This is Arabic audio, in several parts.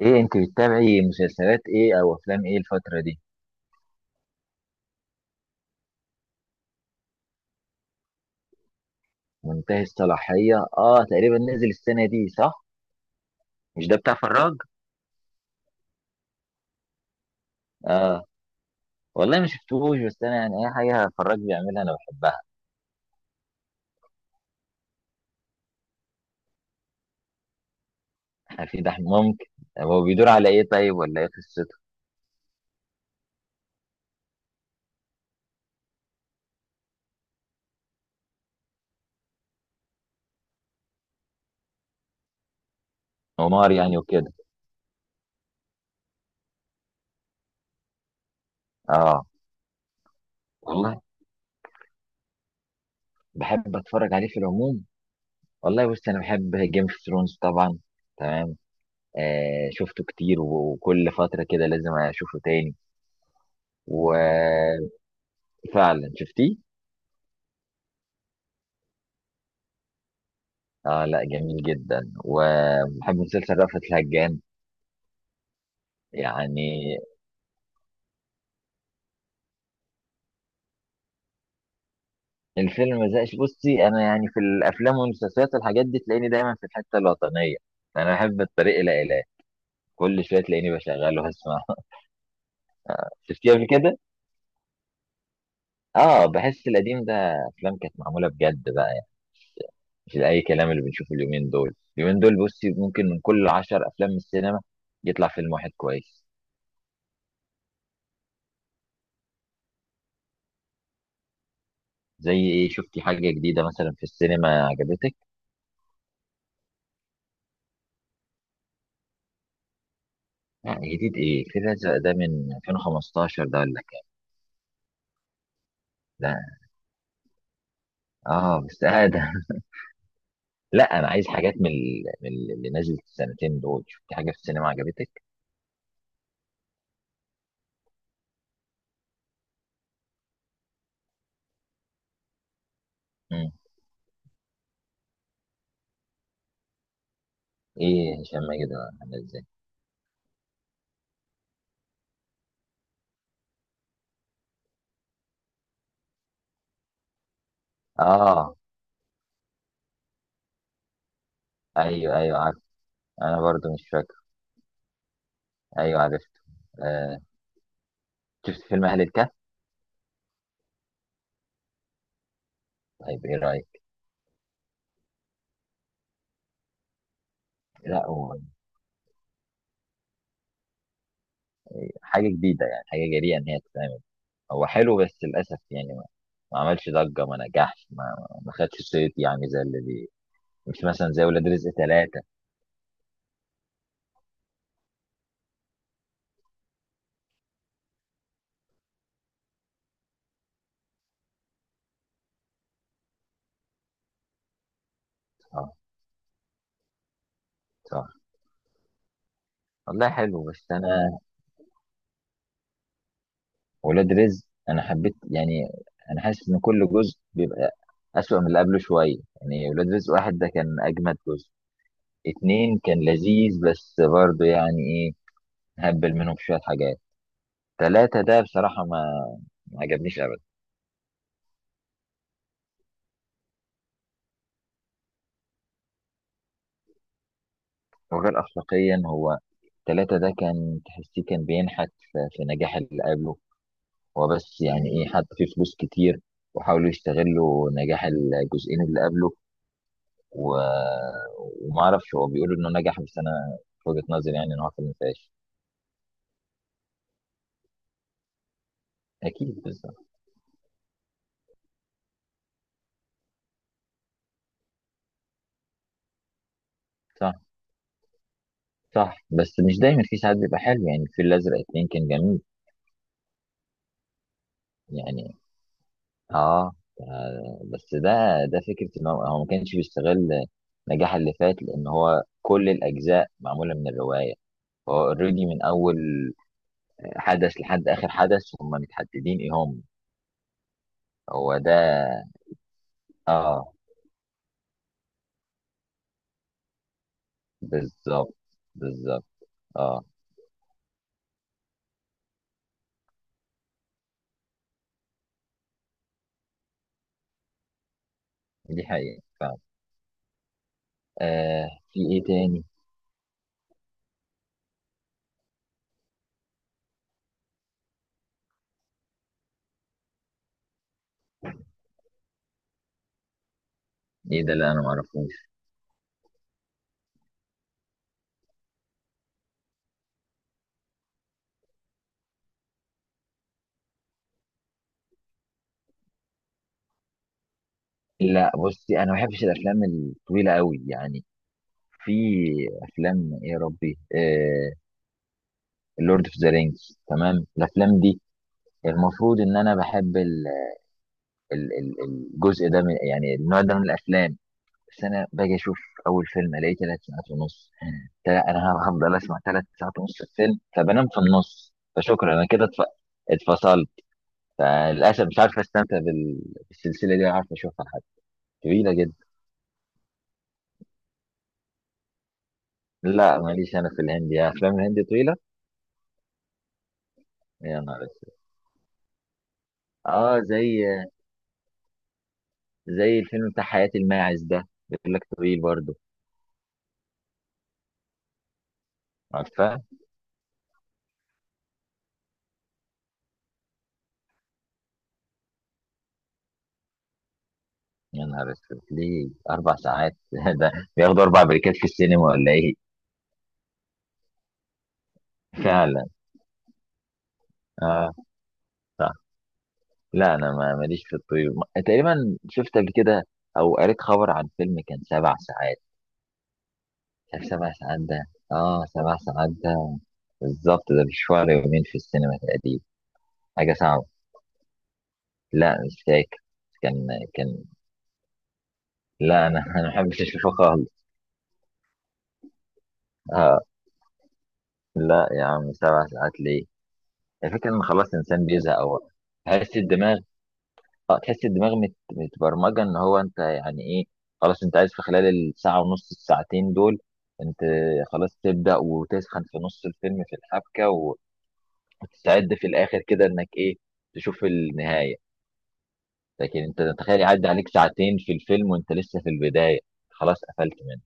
ايه انت بتتابعي مسلسلات ايه او افلام ايه الفترة دي؟ منتهي الصلاحية، اه تقريبا نزل السنة دي صح؟ مش ده بتاع فراج؟ اه. والله ما شفتوش بس انا يعني اي حاجة فراج بيعملها انا بحبها. في ده ممكن. هو بيدور على ايه طيب، ولا ايه قصته؟ هو نار يعني وكده. اه. والله بحب اتفرج عليه في العموم. والله بص، انا بحب جيم اوف ثرونز طبعا. تمام. آه شفته كتير وكل فترة كده لازم اشوفه تاني. وفعلا. شفتيه؟ اه. لا جميل جدا. وبحب مسلسل رأفت الهجان. يعني الفيلم ما زهقش. بصي، انا يعني في الافلام والمسلسلات والحاجات دي تلاقيني دايما في الحته الوطنيه. انا احب الطريق الى اله، كل شويه تلاقيني بشغله هسمع. شفتيه قبل كده؟ اه بحس القديم ده، افلام كانت معموله بجد بقى يعني. مش اي كلام اللي بنشوفه اليومين دول. اليومين دول بصي، ممكن من كل عشر افلام من السينما يطلع فيلم واحد كويس. زي ايه؟ شفتي حاجه جديده مثلا في السينما عجبتك؟ لا، جديد ايه؟ فريلانسر ده من 2015، ده ولا كده؟ ده اه بس آه ده. لا انا عايز حاجات من اللي نزلت السنتين دول. شفت حاجه في السينما عجبتك؟ مم. ايه هشام ماجد ولا عامله ازاي؟ اه. ايوه ايوه عارف. انا برضو مش فاكر. ايوه عارف. آه. شفت فيلم اهل الكهف؟ طيب ايه رايك؟ لا هو حاجه جديده، يعني حاجه جريئه ان هي تتعمل. هو حلو بس للاسف يعني ما عملش ضجه، ما نجحش، ما خدش صيت، يعني زي اللي مش مثلا زي ولاد رزق ثلاثة. اه. صح. والله حلو بس انا، ولاد رزق انا حبيت يعني. انا حاسس ان كل جزء بيبقى اسوأ من اللي قبله شويه. يعني ولاد رزق واحد ده كان اجمد جزء، اتنين كان لذيذ بس برضه يعني ايه، هبل منهم شويه حاجات. تلاتة ده بصراحه ما عجبنيش ابدا. وغير اخلاقيا، هو تلاتة ده كان تحسيه كان بينحت في نجاح اللي قبله. هو بس يعني ايه، حط فيه فلوس كتير وحاولوا يستغلوا نجاح الجزئين اللي قبله، و... وما اعرفش، هو بيقول انه نجح بس انا في وجهة نظري يعني ان هو فيلم فاشل. اكيد. بالظبط. صح. صح، بس مش دايما، في ساعات بيبقى حلو. يعني الفيل الازرق اتنين كان جميل. يعني اه. آه، بس ده ده فكره ان هو ما كانش بيستغل نجاح اللي فات، لان هو كل الاجزاء معموله من الروايه. هو اوريدي من اول حدث لحد اخر حدث هم متحددين ايه هم. هو ده. اه. بالظبط. بالظبط. اه. دي حقيقه. آه، في ايه تاني؟ ايه ده اللي انا ما اعرفوش؟ لا بصي، انا ما بحبش الافلام الطويله قوي يعني. في افلام ايه يا ربي، آه اللورد اوف ذا رينجز، تمام، الافلام دي المفروض ان انا بحب ال- ال- الجزء ده من، يعني النوع ده من الافلام. بس انا باجي اشوف اول فيلم الاقيه ثلاث ساعات ونص. انا هفضل اسمع ثلاث ساعات ونص الفيلم، فبنام في النص، فشكرا انا كده اتفصلت. فللاسف مش عارف استمتع بالسلسله دي ولا عارف اشوفها، طويلة جدا. لا ماليش أنا في الهندي، أفلام الهندي طويلة. يا نهار أسود. أه زي، زي الفيلم بتاع حياة الماعز ده، بيقول لك طويل برضه. عارفاه. يا نهار أسود، ليه أربع ساعات؟ ده بياخدوا أربع بريكات في السينما ولا إيه؟ فعلا. أه. صح. لا أنا ما ماليش في الطويل. تقريبا شفت قبل كده أو قريت خبر عن فيلم كان سبع ساعات. شايف سبع ساعات ده؟ أه سبع ساعات ده، بالظبط ده مشوار يومين في السينما تقريبا. حاجة صعبة. لا مش فاكر. كان كان لا انا انا ما بحبش الشوفه خالص. آه. لا يا عم سبع ساعات ليه؟ الفكره ان خلاص الانسان بيزهق هو، تحس الدماغ، اه تحس الدماغ متبرمجه ان هو انت يعني ايه، خلاص انت عايز في خلال الساعه ونص الساعتين دول، انت خلاص تبدا وتسخن في نص الفيلم في الحبكه وتستعد في الاخر كده انك ايه، تشوف النهايه. لكن انت تخيل يعدي عليك ساعتين في الفيلم وانت لسه في البدايه، خلاص قفلت منه.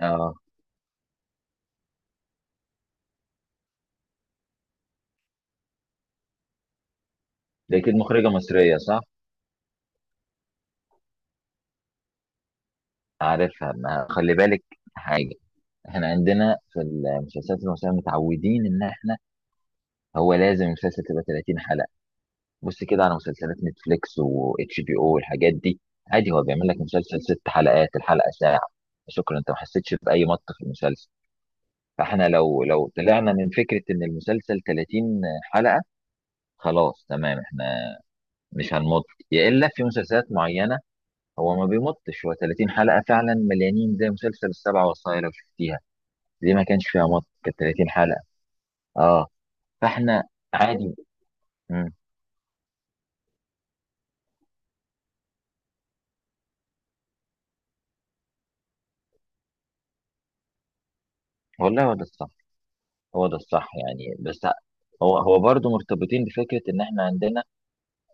اه. لقيت المخرجه مصريه صح؟ عارفها، ما خلي بالك حاجة. احنا عندنا في المسلسلات المصرية متعودين ان احنا، هو لازم المسلسل تبقى 30 حلقة. بص كده على مسلسلات نتفليكس و اتش بي او والحاجات دي، عادي هو بيعمل لك مسلسل ست حلقات الحلقة ساعة، شكرا انت ما حسيتش بأي مط في المسلسل. فاحنا لو طلعنا من فكرة ان المسلسل 30 حلقة خلاص، تمام، احنا مش هنمط. يا الا في مسلسلات معينة هو ما بيمطش، هو 30 حلقة فعلا مليانين، زي مسلسل السبع وصايا لو شفتيها، دي ما كانش فيها مط كانت 30 حلقة. اه. فاحنا عادي. مم. والله هو ده الصح، هو ده الصح يعني. بس هو برضه مرتبطين بفكرة ان احنا عندنا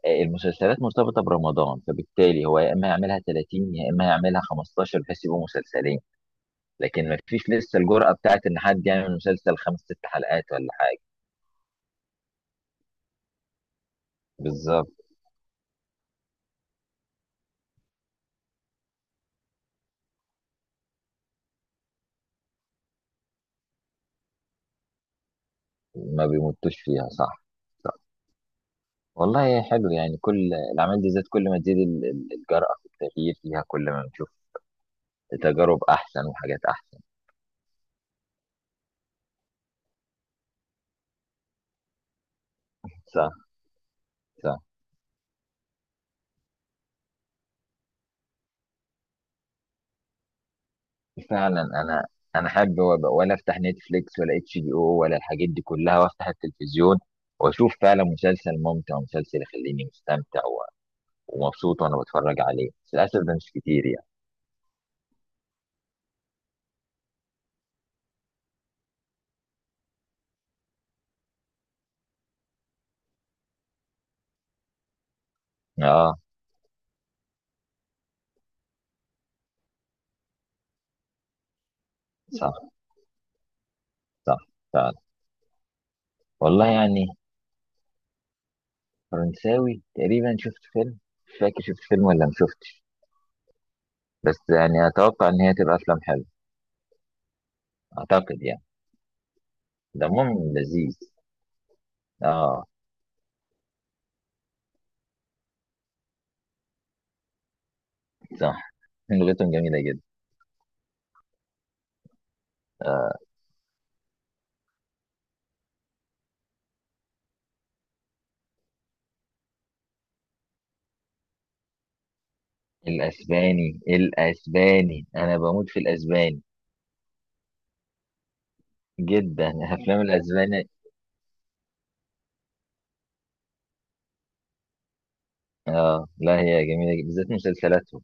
آه، المسلسلات مرتبطة برمضان، فبالتالي هو يا اما يعملها 30 يا اما يعملها 15 بحيث يبقوا مسلسلين، لكن ما فيش لسه الجرأة بتاعت ان حد يعمل مسلسل خمس ست حلقات ولا حاجة. بالظبط. ما بيمطوش فيها. صح. صح. والله حلو يعني، كل الاعمال دي ذات كل ما تزيد الجرأة في التغيير فيها، كل ما بنشوف تجارب احسن وحاجات احسن. صح. صح. فعلا. انا انا حابب ولا افتح نتفليكس ولا اتش دي او ولا الحاجات دي كلها، وافتح التلفزيون واشوف فعلا مسلسل ممتع، ومسلسل يخليني مستمتع ومبسوط وانا بتفرج عليه، بس للاسف ده مش كتير يعني. اه. صح. صح. فعلا. والله يعني فرنساوي تقريبا شفت فيلم، مش فاكر شفت فيلم ولا ما شفتش، بس يعني اتوقع ان هي تبقى افلام حلوه اعتقد يعني. دمهم لذيذ. اه. صح. لغتهم جميله جدا. آه. الاسباني، الاسباني انا بموت في الاسباني، جدا. افلام الاسباني اه لا هي جميله جدا، بالذات مسلسلاتهم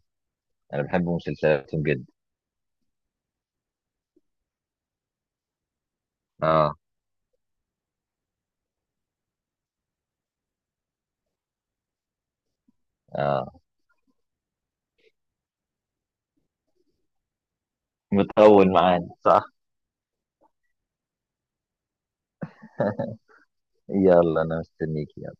انا بحب مسلسلاتهم جدا. اه. اه مطول معانا، صح. يلا انا مستنيك.